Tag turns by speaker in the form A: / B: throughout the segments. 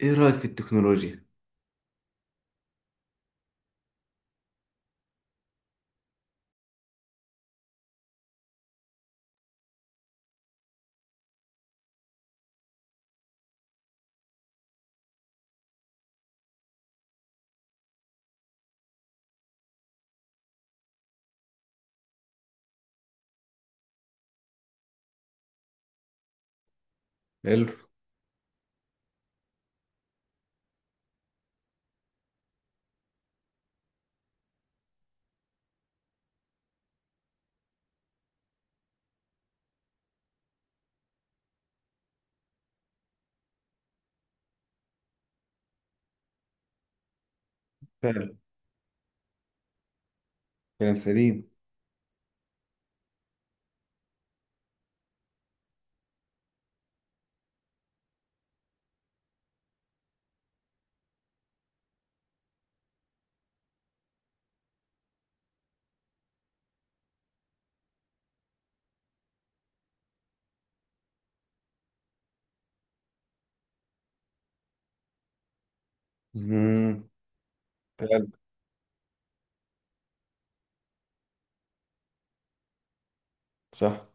A: ايه رأيك في التكنولوجيا؟ حلو. فعلا. كلام سليم. مم. فعلا. صح.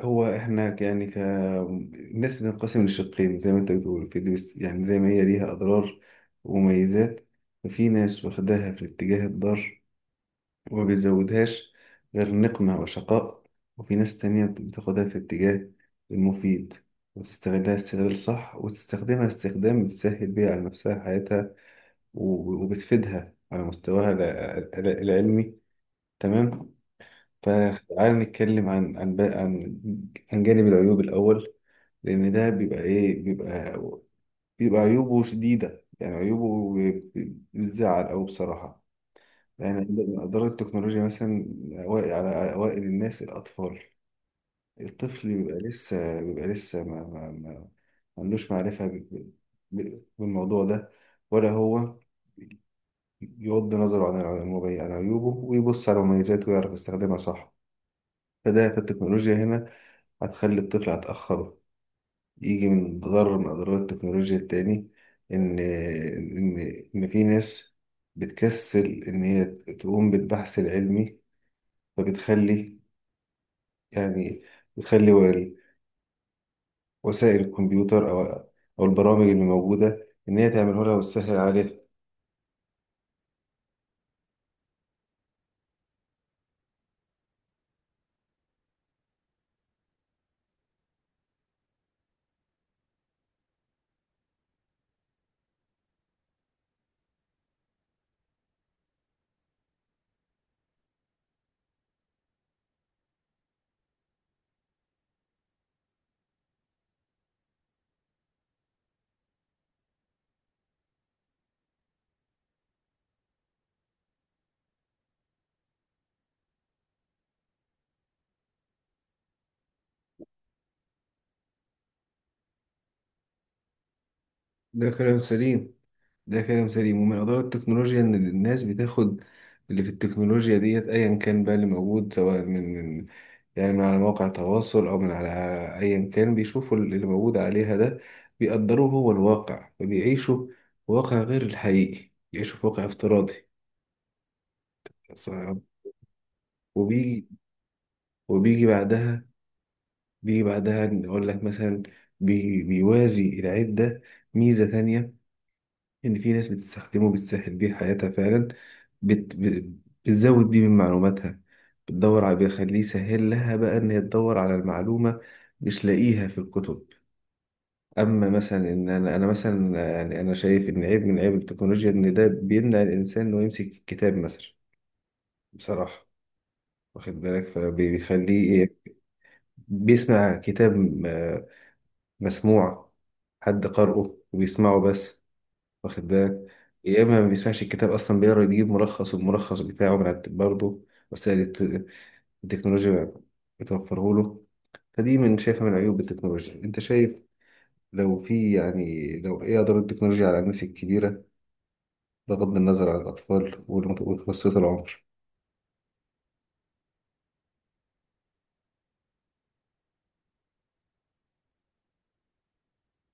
A: هو احنا ك الناس بتنقسم لشقين زي ما انت بتقول في دي، يعني زي ما هي ليها اضرار ومميزات، ففي ناس واخداها في الاتجاه الضار وما بيزودهاش غير نقمة وشقاء، وفي ناس تانية بتاخدها في الاتجاه المفيد وتستغلها استغلال صح وتستخدمها استخدام بتسهل بيها على نفسها حياتها، وبتفيدها على مستواها العلمي. تمام. فتعال نتكلم عن عن بقى- عن عن جانب العيوب الأول، لأن ده بيبقى إيه بيبقى بيبقى عيوبه شديدة، يعني عيوبه بتزعل أوي بصراحة، يعني. أضرار التكنولوجيا مثلا أوائل على أوائل الناس الأطفال. الطفل بيبقى لسه ما عندوش معرفة بالموضوع ده، ولا هو يغض نظره عن عيوبه ويبص على مميزاته ويعرف يستخدمها صح. فده في التكنولوجيا هنا هتخلي الطفل، هتأخره. يجي من ضرر من أضرار التكنولوجيا التاني إن إن إن في ناس بتكسل إن هي تقوم بالبحث العلمي، فبتخلي، يعني، بتخلي وسائل الكمبيوتر أو البرامج اللي موجودة إن هي تعمله لها وتسهل عليها. ده كلام سليم. ده كلام سليم، ومن أضرار التكنولوجيا إن الناس بتاخد اللي في التكنولوجيا ديت أيا كان بقى اللي موجود، سواء من يعني من على مواقع التواصل أو من على أيا كان، بيشوفوا اللي موجود عليها ده بيقدروه هو الواقع فبيعيشوا واقع غير الحقيقي، بيعيشوا في واقع افتراضي صعب. وبيجي بعدها نقول لك مثلا بيوازي العيب ده ميزة تانية، إن في ناس بتستخدمه بتسهل بيه حياتها فعلا، بت... ب- بتزود بيه من معلوماتها، بتدور على، بيخليه يسهل لها بقى إن هي تدور على المعلومة مش لاقيها في الكتب. أما مثلا إن أنا مثلا، يعني أنا شايف إن عيب من عيب التكنولوجيا إن ده بيمنع الإنسان إنه يمسك الكتاب مثلا، بصراحة. واخد بالك، فبيخليه بيسمع كتاب، مسموع، حد قرأه وبيسمعه بس، واخد بالك؟ يا اما ما بيسمعش الكتاب اصلا، بيقرا يجيب ملخص والملخص بتاعه من على برضه وسائل التكنولوجيا بتوفره له. فدي من شايفها من عيوب التكنولوجيا. انت شايف لو في، يعني لو ايه اضرار التكنولوجيا على الناس الكبيره، بغض النظر عن الاطفال ومتوسط العمر؟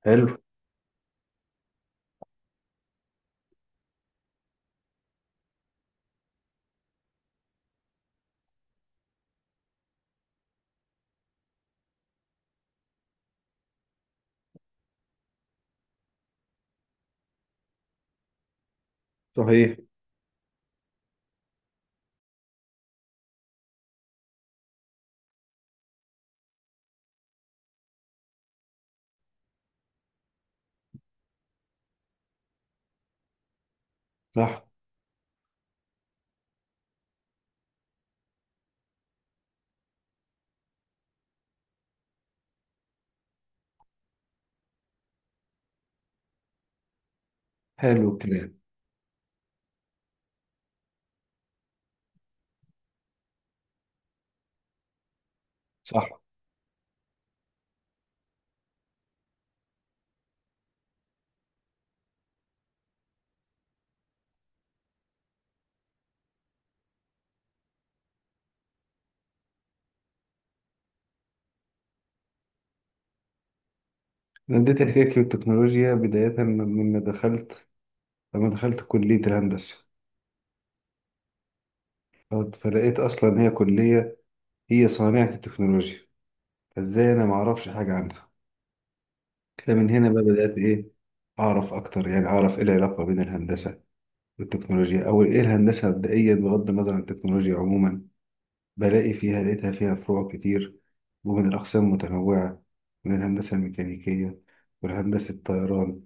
A: حلو. صحيح. صح. حلو الكلام. صح. انا بديت احكي في التكنولوجيا بدايه من- مما دخلت لما دخلت كليه الهندسه، فلقيت اصلا هي كليه، هي صانعه التكنولوجيا، ازاي انا ما اعرفش حاجه عنها؟ كده من هنا بقى بدات اعرف اكتر، يعني اعرف ايه العلاقه بين الهندسه والتكنولوجيا، او ايه الهندسه مبدئيا بغض النظر عن التكنولوجيا عموما. بلاقي فيها لقيتها فيها فروع كتير ومن الاقسام متنوعه، من الهندسه الميكانيكيه والهندسه الطيران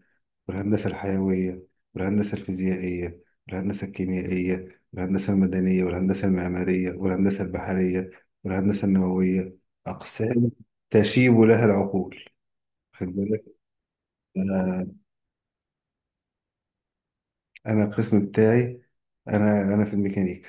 A: والهندسه الحيويه والهندسه الفيزيائيه والهندسه الكيميائيه والهندسه المدنيه والهندسه المعماريه والهندسه البحريه والهندسه النوويه. اقسام تشيب لها العقول، خد بالك. انا انا القسم بتاعي، انا في الميكانيكا.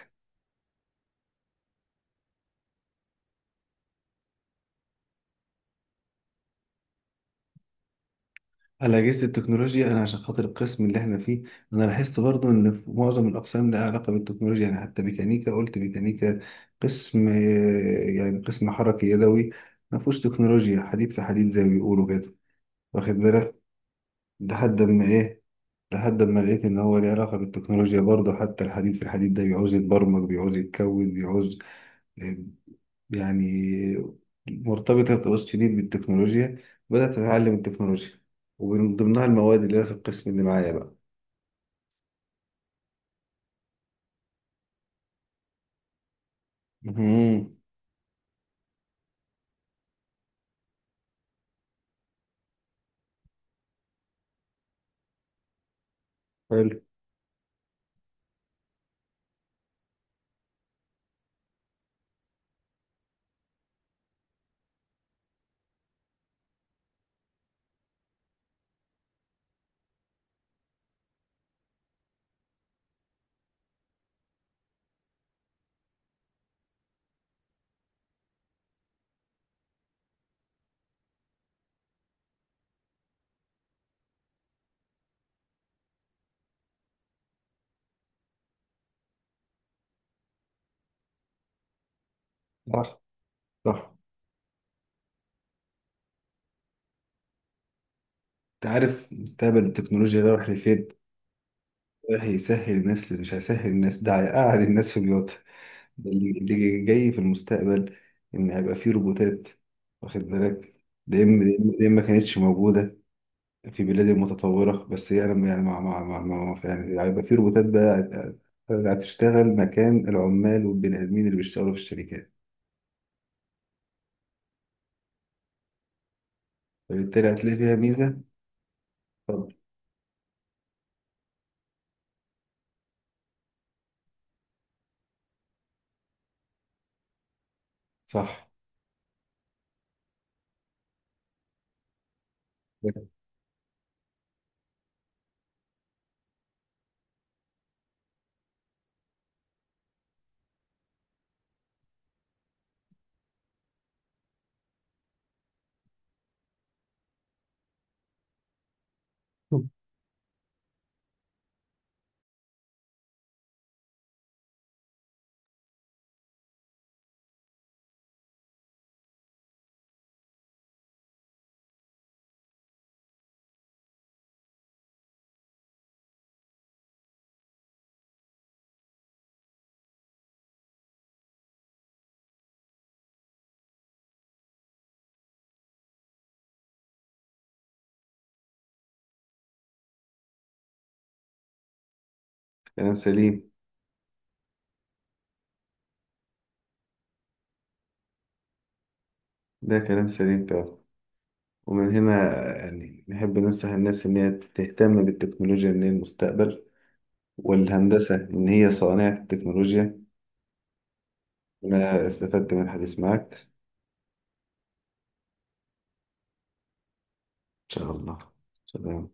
A: الاجهزه التكنولوجيا انا عشان خاطر القسم اللي احنا فيه، انا لاحظت برضو ان في معظم الاقسام لها علاقه بالتكنولوجيا، يعني حتى ميكانيكا، قلت ميكانيكا قسم يعني قسم حركي يدوي، ما فيهوش تكنولوجيا، حديد في حديد زي ما بيقولوا كده، واخد بالك؟ لحد ما ايه لحد ما لقيت ان هو ليه علاقه بالتكنولوجيا برضه، حتى الحديد في الحديد ده بيعوز يتبرمج بيعوز يتكود بيعوز، يعني، مرتبطة ارتباط شديد بالتكنولوجيا. بدأت أتعلم التكنولوجيا ومن ضمنها المواد اللي أنا في القسم اللي معايا بقى. مهم. حلو. صح. صح. أنت عارف مستقبل التكنولوجيا ده رايح لفين؟ رايح يسهل الناس، اللي مش هيسهل الناس، ده هيقعد الناس في بيوتها. ده اللي جاي في المستقبل، إن هيبقى فيه روبوتات، واخد بالك؟ ده إما ما كانتش موجودة في بلاد متطورة، بس هي أنا يعني يعني هيبقى في روبوتات بقى هتشتغل مكان العمال والبني آدمين اللي بيشتغلوا في الشركات، فبالتالي هتلاقي فيها ميزة. طب. صح. ده كلام سليم. ده كلام سليم فعلا. ومن هنا يعني نحب ننصح الناس إن هي تهتم بالتكنولوجيا، إن هي المستقبل، والهندسة إن هي صانعة التكنولوجيا. أنا استفدت من الحديث معك. إن شاء الله. سلام.